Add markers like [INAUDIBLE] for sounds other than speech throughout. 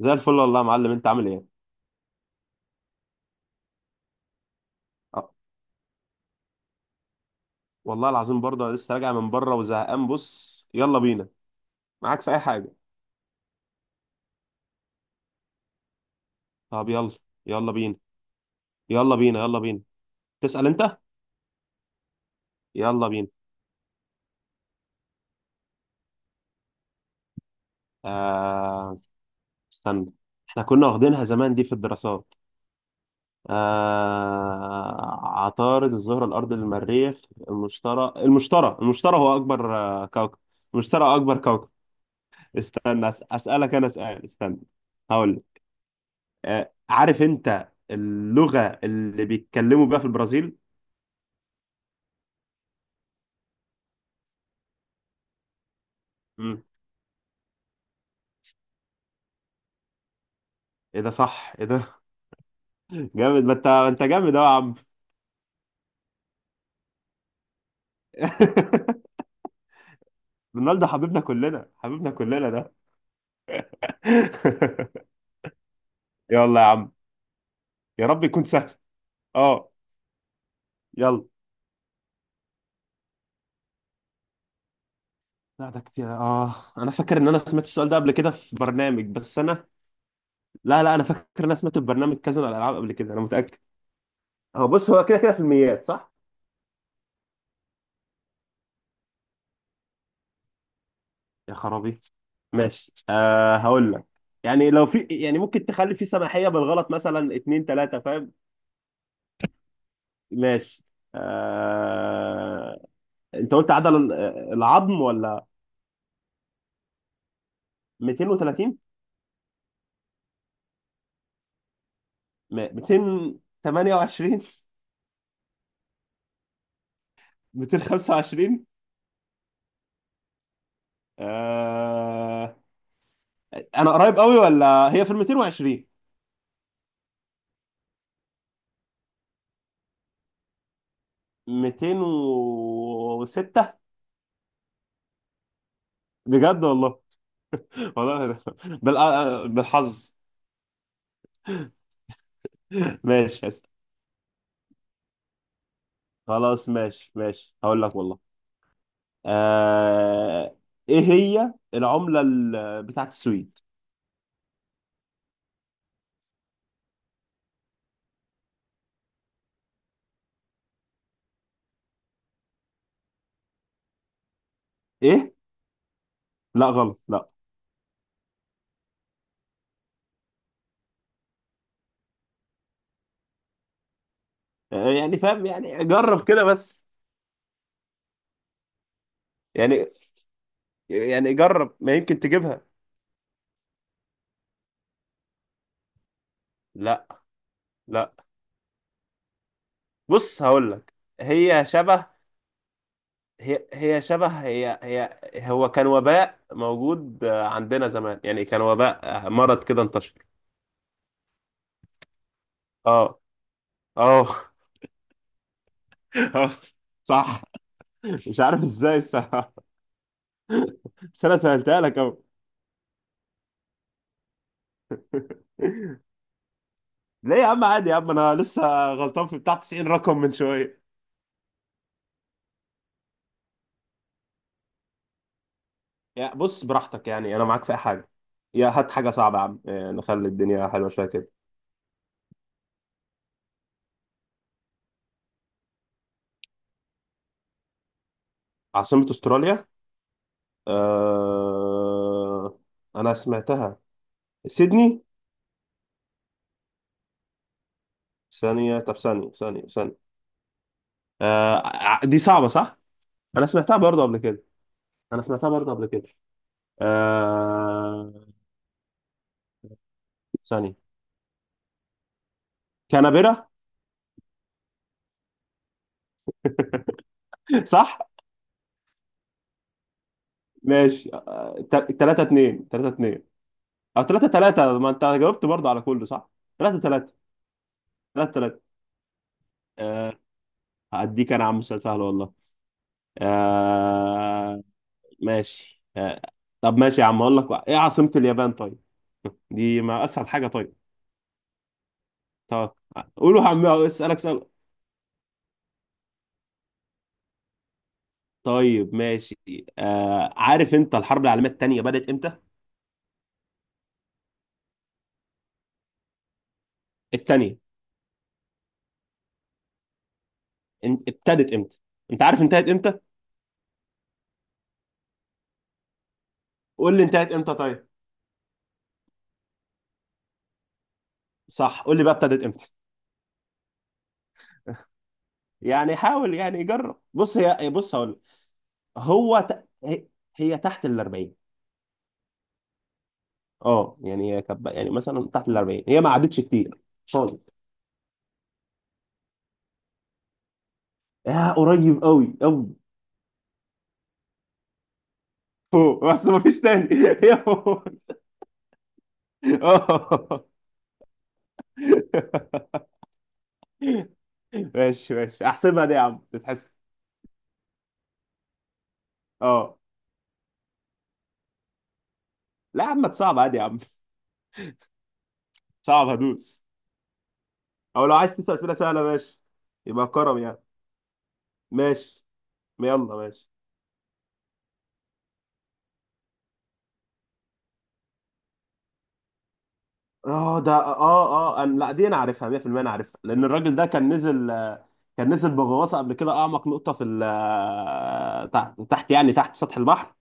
زي الفل والله يا معلم، انت عامل ايه؟ أه. والله العظيم برضه انا لسه راجع من بره وزهقان، بص يلا بينا، معاك في اي حاجه. طب يلا، يلا بينا، يلا بينا، يلا بينا، تسأل انت، يلا بينا. آه... استنى، احنا كنا واخدينها زمان دي في الدراسات. عطارد، الزهره، الارض، المريخ، المشتري، المشتري، المشتري هو اكبر كوكب. المشتري اكبر كوكب. [LAUGHS] استنى، اسالك انا سؤال، استنى. هقول لك. عارف انت اللغة اللي بيتكلموا بيها في البرازيل؟ مم. ايه ده؟ صح، ايه ده؟ [LAUGHS] جامد. ما انت جامد اهو يا عم. [LAUGHS] رونالدو حبيبنا كلنا، حبيبنا كلنا ده. [LAUGHS] يلا يا عم، يا رب يكون سهل. اه. يلا. لا ده كتير. اه انا فاكر ان انا سمعت السؤال ده قبل كده في برنامج، بس انا... لا لا، انا فاكر ان انا سمعت في برنامج كذا على الالعاب قبل كده، انا متأكد. هو بص، هو كده كده في الميات صح. يا خرابي. ماشي، هقول لك. يعني لو في، يعني ممكن تخلي في سماحية بالغلط، مثلا اتنين تلاتة، فاهم. ماشي. أه انت قلت عدد العظم ولا؟ 230. 228. 225. [LAUGHS] أه انا قريب قوي ولا هي في ال 220؟ 206. بجد والله. [LAUGHS] والله بالحظ. ماشي، خلاص، ماشي هقول لك والله. آه ايه هي العملة بتاعت السويد؟ ايه؟ لا غلط، لا. يعني فاهم، يعني جرب كده بس. يعني يعني جرب ما يمكن تجيبها. لا، لا. بص هقول لك. هي شبه، هي هي شبه، هي هي. هو كان وباء موجود عندنا زمان، يعني كان وباء مرض كده انتشر. اه، اه. [LAUGHS] آه. صح. مش عارف ازاي الصراحة، بس انا سهلتها لك اهو. ليه يا عم، عادي يا عم، انا لسه غلطان في بتاع 90 رقم من شويه. يا بص، براحتك، يعني انا معاك في اي حاجه. يا هات حاجه صعبه يا عم، نخلي الدنيا حلوه شويه كده. عاصمه استراليا. أه... انا سمعتها. سيدني. ثانيه، طب ثانيه، ثانيه، ثانيه. دي صعبه صح. انا سمعتها برضه قبل كده، انا سمعتها برضه قبل كده. أه... ثانيه. كانبرا. [LAUGHS] صح. ماشي. 3 2 3 2. أو تلاتة تلاتة، ما أنت جاوبت برضه على كله صح؟ تلاتة تلاتة. تلاتة تلاتة. أه هديك أنا يا عم سؤال سهل والله. أه ماشي. طب ماشي يا عم، أقول لك إيه عاصمة اليابان طيب؟ دي ما أسهل حاجة، طيب. طب قولوا يا عم أسألك سؤال. طيب ماشي. عارف أنت الحرب العالمية التانية بدأت إمتى؟ التانية. ابتدت إمتى؟ أنت عارف انتهت إمتى؟ قول لي انتهت إمتى طيب؟ صح، قول لي بقى ابتدت إمتى؟ يعني حاول، يعني جرب. بص هي، بص هقول. هو هي، هي تحت ال 40. اه، يعني هي يعني مثلا تحت ال 40، هي ما عدتش كتير خالص. قريب قوي قوي. فوق، بس ما فيش تاني. [LAUGHS] هي فوق. اه. [LAUGHS] ماشي، ماشي احسبها دي يا عم تتحسب. اه. لا يا عم، صعب عادي يا عم. صعب هدوس. او لو عايز تسال اسئله سهله، ماشي. يبقى كرم يعني. ماشي يلا، ماشي. اه ده اه اه أنا، لا، دي انا عارفها 100%، انا عارفها لان الراجل ده كان نزل كان نزل بغواصه قبل كده اعمق نقطه في تحت، تحت يعني تحت سطح البحر.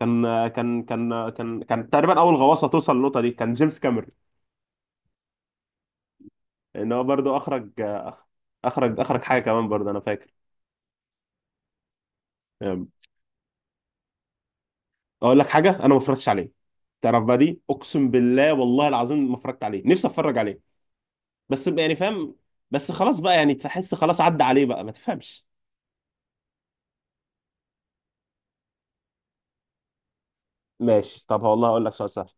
كان آه، كان كان آه، كان كان تقريبا اول غواصه توصل للنقطه دي، كان جيمس كاميرون. لان هو برضو اخرج، اخرج حاجه كمان برضو، انا فاكر. آم، اقول لك حاجه، انا ما اتفرجتش عليه. تعرف بقى دي، اقسم بالله والله العظيم ما اتفرجت عليه، نفسي اتفرج عليه، بس يعني فاهم. بس خلاص بقى، يعني تحس خلاص عدى عليه بقى ما تفهمش. ماشي، طب والله هقول لك سؤال سهل.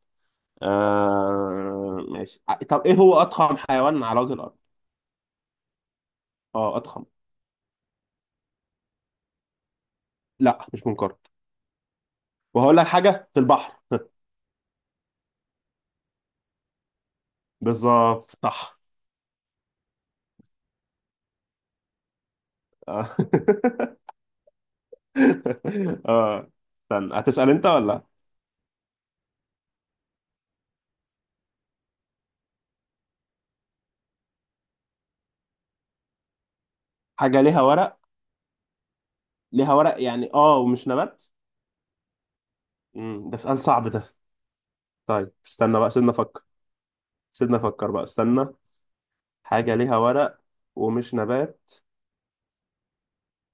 ماشي، طب ايه هو اضخم حيوان على وجه الارض؟ اه، اضخم. لا مش منقرض. وهقول لك حاجه في البحر. [LAUGHS] بالظبط صح. اه. [LAUGHS] آه. استنى، هتسال انت ولا؟ حاجه ليها ورق. ليها ورق يعني، ومش نبات. ده سؤال صعب ده. طيب استنى بقى، سيبنا افكر. سيبنا افكر بقى، استنى. حاجه ليها ورق ومش نبات.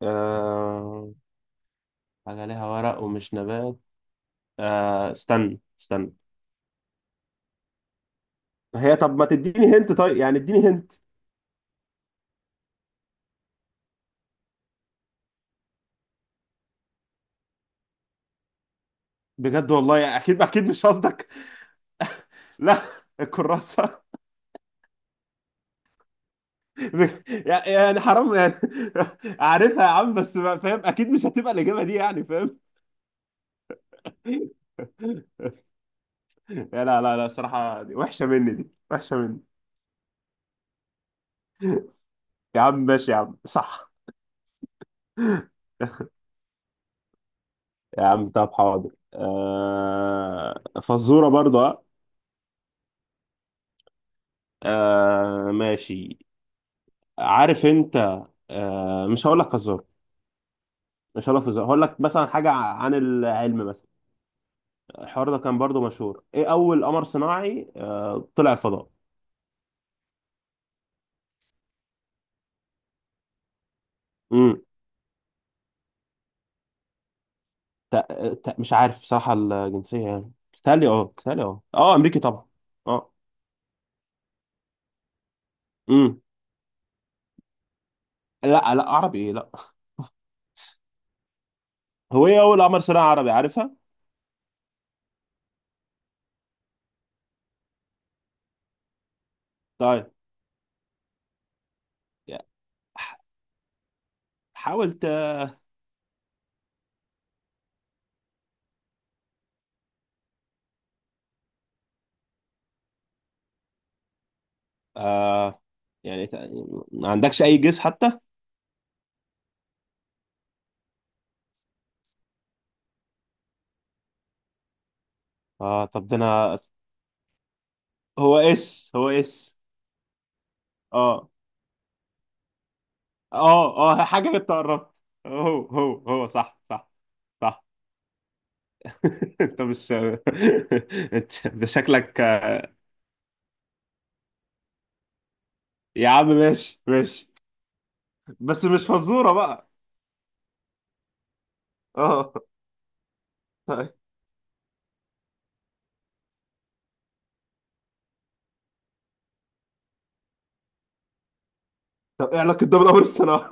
آه... حاجه ليها ورق ومش نبات. استنى، استنى. هي طب ما تديني هنت، طيب يعني اديني هنت. بجد والله، يعني اكيد اكيد مش قصدك. لا. الكراسة. [LAUGHS] يعني حرام يعني. [LAUGHS] عارفها يا عم، بس فاهم، اكيد مش هتبقى الاجابة دي يعني، فاهم. [LAUGHS] لا لا لا، صراحة دي وحشة مني، دي وحشة مني. يا عم ماشي يا عم، صح. يا عم طب حاضر، فزورة برضه. ماشي. عارف انت. مش هقول لك فزورة. مش هقول لك فزورة، هقول لك مثلا حاجة عن العلم مثلا. الحوار ده كان برضو مشهور. ايه اول قمر صناعي طلع الفضاء؟ امم. مش عارف بصراحة الجنسية، يعني بتهيألي، بتهيألي، اه امريكي طبعا. اه. امم. لا لا، عربي؟ ايه، لا. هو ايه اول قمر صناعي عربي عارفها. طيب، يعني ح- حاول آه يعني ما عندكش اي جيس حتى؟ اه طب ده انا، هو اس. اه اه حاجة كنت قربت. هو صح، صح. صح. [LAUGHS] انت مش... [LAUGHS] انت ده شكلك. يا عم ماشي، ماشي. بس مش فزورة بقى. اه، طيب. طب ايه علاقة ده بالأمر الصناعي؟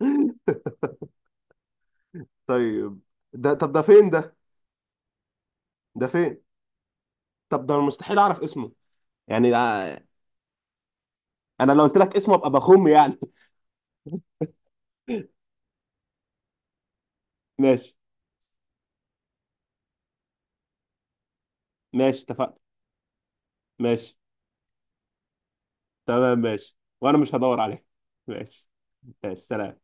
[LAUGHS] طيب. طب ده فين ده. ده فين؟ طب ده انا مستحيل اعرف اسمه. يعني انا لو قلت لك اسمه ابقى بخم يعني. [LAUGHS] ماشي، ماشي اتفقنا. ماشي. تمام، ماشي، وانا مش هدور عليه. ماشي. ماشي، سلام.